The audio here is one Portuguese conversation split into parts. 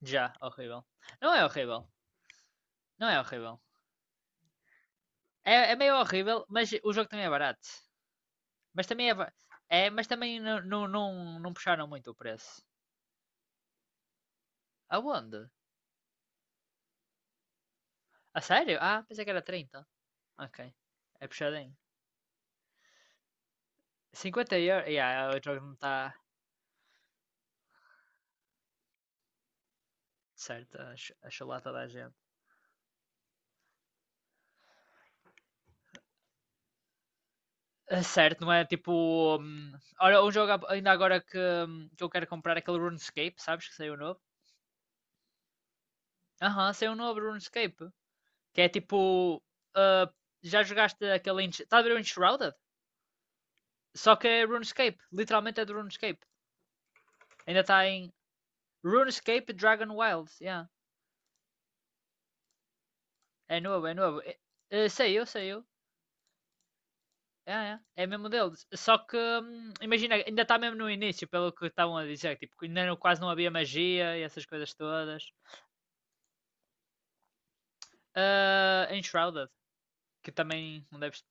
Já, horrível. Não é horrível. Não é horrível. É, é meio horrível, mas o jogo também é barato. Mas também é. Mas também não puxaram muito o preço. Aonde? A sério? Ah, pensei que era trinta. Ok. É puxadinho. Cinquenta euros. Yeah, o jogo não está certo. A chulata da gente. É certo, não é tipo. Olha, um jogo ainda agora que eu quero comprar é aquele RuneScape, sabes? Que saiu novo. Aham, saiu um novo RuneScape. Que é tipo. ah, Já jogaste aquele. Está a ver o Enshrouded? Só que é RuneScape. Literalmente é do RuneScape. Ainda está em RuneScape Dragon Wilds. Yeah. É novo, é novo. É, é, sei eu, sei eu. É mesmo deles. Só que, imagina, ainda está mesmo no início, pelo que estavam a dizer. Tipo, ainda não- quase não havia magia e essas coisas todas. Ah, Enshrouded, que também não deves.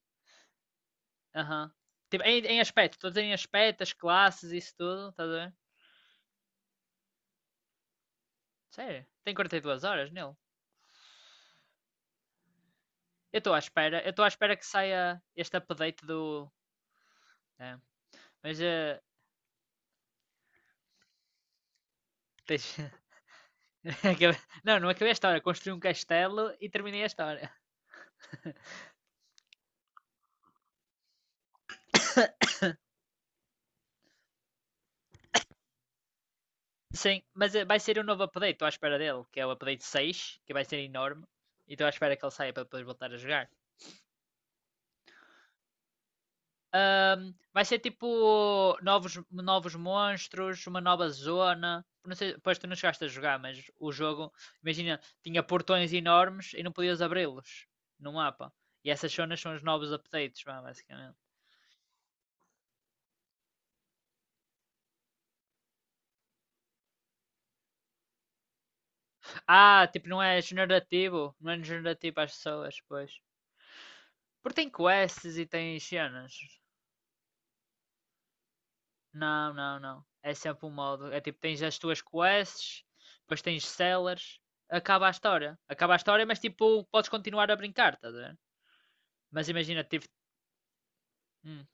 Aham. Tipo, em aspecto, todos em aspecto, as classes, isso tudo, estás a ver? Sério, tem 42 horas nele. Eu estou à espera que saia este update do. é, Mas deixa- Não, não acabei a história. Construí um castelo e terminei a história. Sim, mas vai ser um novo update, estou à espera dele, que é o update 6, que vai ser enorme. E estou à espera que ele saia para depois voltar a jogar. Vai ser tipo novos monstros, uma nova zona. Não sei, pois tu não chegaste a jogar, mas o jogo, imagina, tinha portões enormes e não podias abri-los no mapa. E essas zonas são os novos updates, vá, basicamente. Ah, tipo, não é generativo às pessoas, pois. Porque tem quests e tem cenas. Não, não, não. É sempre um modo. É tipo, tens as tuas quests, depois tens sellers, acaba a história. Acaba a história, mas tipo, podes continuar a brincar, estás a ver? Mas imagina, tipo. Hum.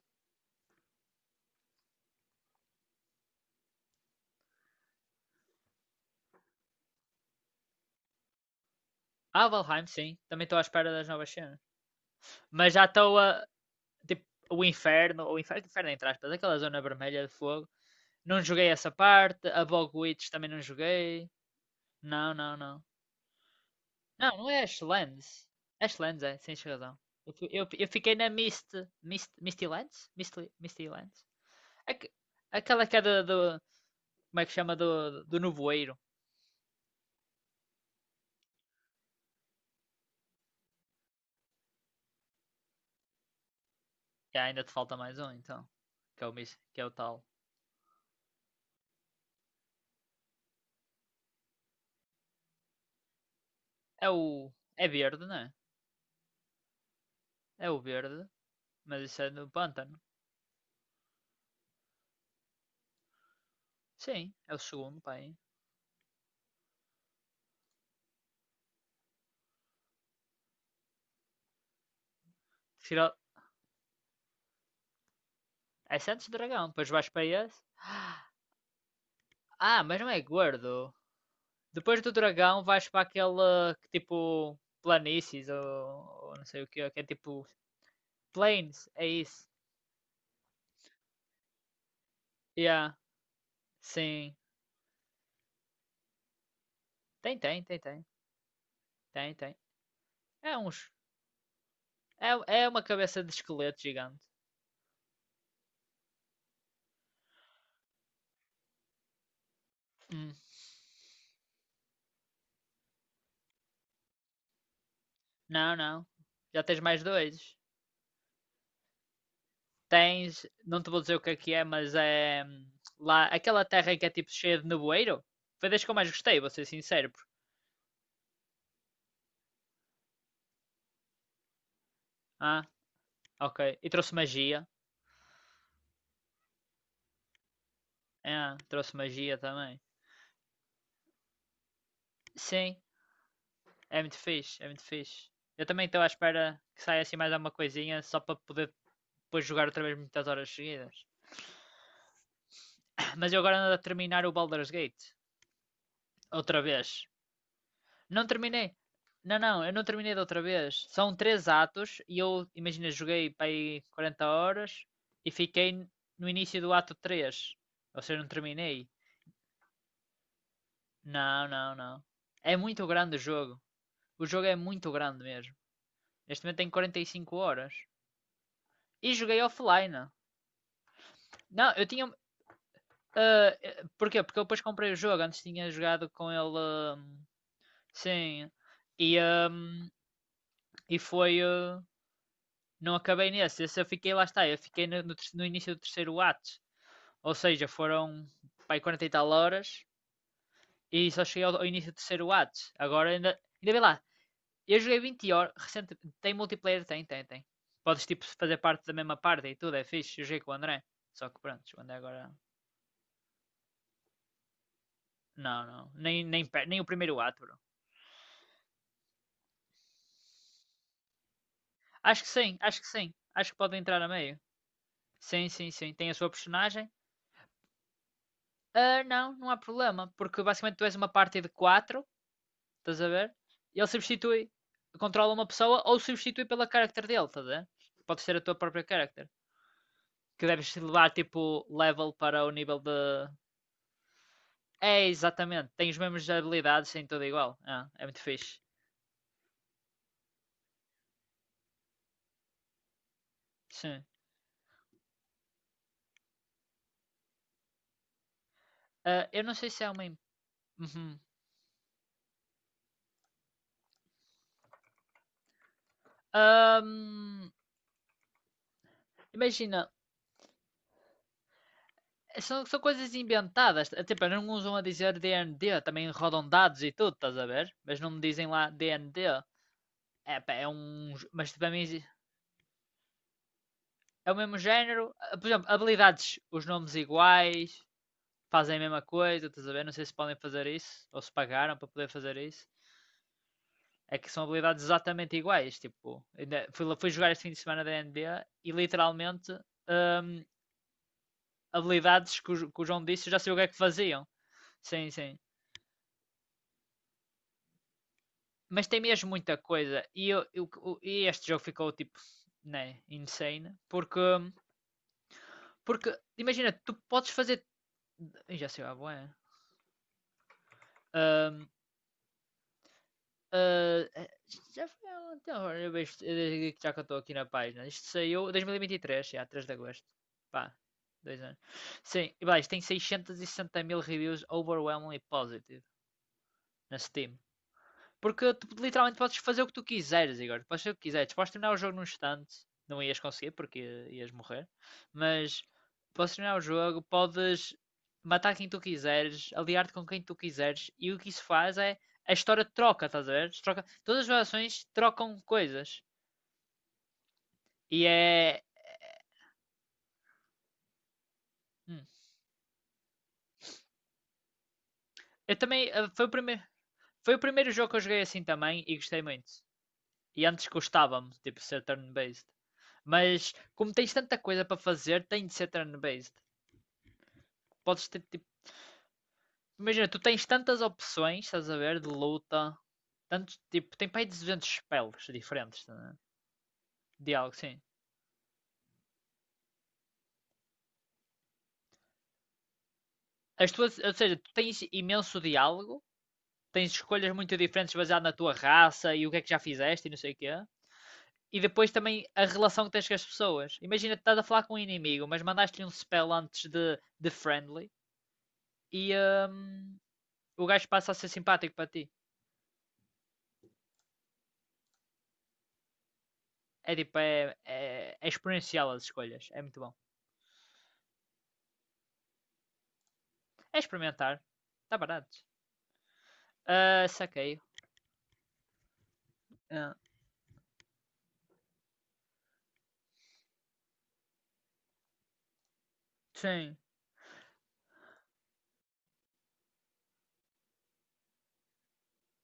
Ah, Valheim, sim. Também estou à espera das novas cenas. Mas já estou a. Tipo, o inferno, inferno entre aspas, aquela zona vermelha de fogo. Não joguei essa parte. A Bogwitch também não joguei. Não, não, não. Não, não é Ashlands. Ashlands é, tens razão. Eu fiquei na Mist, Misty Lands? Misty Lands? Aque- Aquela que é do, Como é que chama? Do nevoeiro. E ainda te falta mais um, então. Que é o, tal. É o. É verde, não é? É o verde. Mas isso é no pântano. Sim, é o segundo, pai. Tira- É Santos Dragão. Depois vais para esse. Ah, mas não é gordo. Depois do dragão vais para aquela que tipo planícies ou não sei o que é tipo plains, é isso. Yeah, sim. Tem, tem, tem, tem. Tem, tem. É uns. É, é uma cabeça de esqueleto gigante. Hum. Não, não. Já tens mais dois. Tens, não te vou dizer o que é, mas é lá aquela terra que é tipo cheia de nevoeiro. Foi das que eu mais gostei, vou ser sincero. Ah, ok. E trouxe magia. Ah, trouxe magia também. Sim, é muito fixe, é muito fixe. Eu também estou à espera que saia assim mais alguma coisinha só para poder depois jogar outra vez muitas horas seguidas. Mas eu agora ando a terminar o Baldur's Gate. Outra vez. Não terminei. Não, não, eu não terminei da outra vez. São três atos e eu, imagina, joguei para aí 40 horas e fiquei no início do ato 3. Ou seja, não terminei. Não, não, não. É muito grande o jogo. O jogo é muito grande mesmo. Neste momento tem 45 horas. E joguei offline. Não, eu tinha, ah, porquê? Porque eu depois comprei o jogo, antes tinha jogado com ele. hum, Sim. E, hum, e foi. Não acabei nesse. Esse eu fiquei lá está. Eu fiquei no, no início do terceiro ato. Ou seja, foram pai 40 e tal horas e só cheguei ao início do terceiro ato. Agora ainda. Ainda bem lá. Eu joguei 20 horas recente. Tem multiplayer? Tem, tem, tem. Podes tipo fazer parte da mesma parte e tudo, é fixe. Eu joguei com o André. Só que pronto, o André agora. Não, não. Nem o primeiro ato, bro. Acho que sim, acho que sim. Acho que pode entrar a meio. Sim, sim, sim. Tem a sua personagem. Ah, não, não há problema, porque basicamente tu és uma party de 4, estás a ver? E ele substitui, controla uma pessoa ou substitui pela character dele, estás a ver? Pode ser a tua própria character. Que deves levar tipo level para o nível de. É, exatamente. Tem as mesmas habilidades, tem tudo igual. Ah, é muito fixe. Sim. Ah, eu não sei se é uma. Uhum. Ahm, Imagina, são coisas inventadas. Tipo, não usam a dizer DND, também rodam dados e tudo, estás a ver? Mas não me dizem lá DND. É, pá, é um. Mas para mim é o mesmo género. Por exemplo, habilidades, os nomes iguais, fazem a mesma coisa, estás a ver? Não sei se podem fazer isso, ou se pagaram para poder fazer isso. É que são habilidades exatamente iguais. Tipo, fui jogar este fim de semana da NBA e literalmente hum, habilidades que o João disse, eu já sei o que é que faziam. Sim, sim. Mas tem mesmo muita coisa. E este jogo ficou tipo, né, insane. Porque imagina, tu podes fazer. Já sei lá, boa. Ahm, ah, eh, Já foi há um tempo, eu já que eu estou aqui na página. Isto saiu 2023, já, 3 de agosto. Pá, 2 anos. Sim, e vai, isto tem 660 mil reviews overwhelmingly positive na Steam. Porque tu literalmente podes fazer o que tu quiseres, Igor. Podes fazer o que quiseres. Podes terminar o jogo num instante. Não ias conseguir porque ias morrer. Mas podes terminar o jogo, podes matar quem tu quiseres, aliar-te com quem tu quiseres. E o que isso faz é a história troca, estás a ver? Troca, todas as gerações trocam coisas. E é. hum. Eu também. Foi o primeiro jogo que eu joguei assim também e gostei muito. E antes gostava-me, tipo, ser turn-based. Mas como tens tanta coisa para fazer, tem de ser turn-based. Podes ter tipo. Imagina, tu tens tantas opções, estás a ver, de luta. Tanto, tipo, tem para aí 200 spells diferentes, né? Diálogo, sim. As tuas, ou seja, tu tens imenso diálogo, tens escolhas muito diferentes baseado na tua raça e o que é que já fizeste e não sei o quê. E depois também a relação que tens com as pessoas. Imagina tu estás a falar com um inimigo, mas mandaste-lhe um spell antes de friendly e hum, o gajo passa a ser simpático para ti. É tipo, é exponencial as escolhas, é muito bom. É experimentar. Está barato. Ah, saquei. Ah, sim,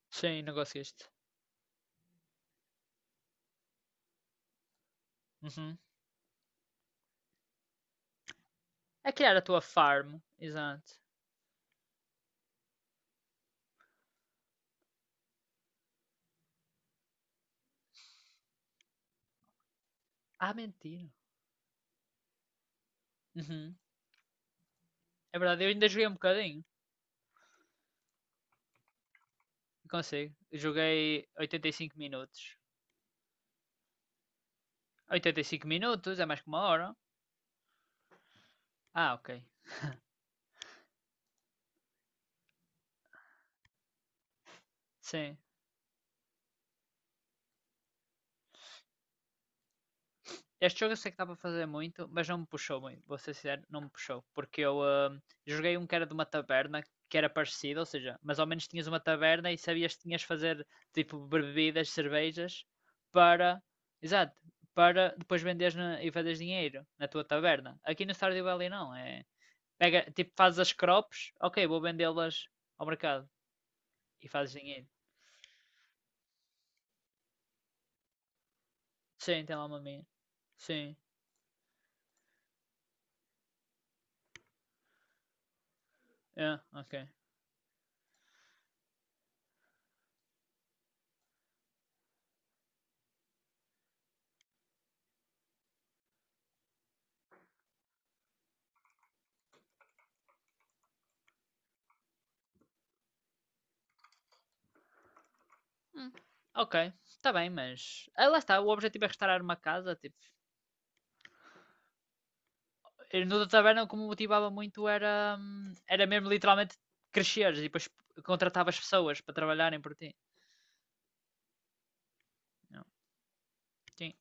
sim, negócio este. Uhum. A criar a tua farm, exato. Ah, mentira. Uhum. É verdade, eu ainda joguei um bocadinho. Não consigo. Eu joguei 85 minutos. 85 minutos é mais que uma hora. Ah, ok. Sim. Este jogo eu sei que dá para fazer muito, mas não me puxou muito, vou ser sincero, não me puxou. Porque eu joguei um que era de uma taberna, que era parecido, ou seja, mas ao menos tinhas uma taberna e sabias que tinhas de fazer tipo bebidas, cervejas, para. Exato, para depois venderes e fazeres dinheiro na tua taberna. Aqui no Stardew Valley não, é. Pega, tipo, fazes as crops, ok, vou vendê-las ao mercado e fazes dinheiro. Sim, tem lá uma minha. Sim, é, ok. Hum, ok, está bem, mas. Ah, lá está, o objetivo é restaurar uma casa. Tipo, ir no da taverna, como me motivava muito, era mesmo literalmente cresceres e depois contratavas pessoas para trabalharem por ti. Não, sim.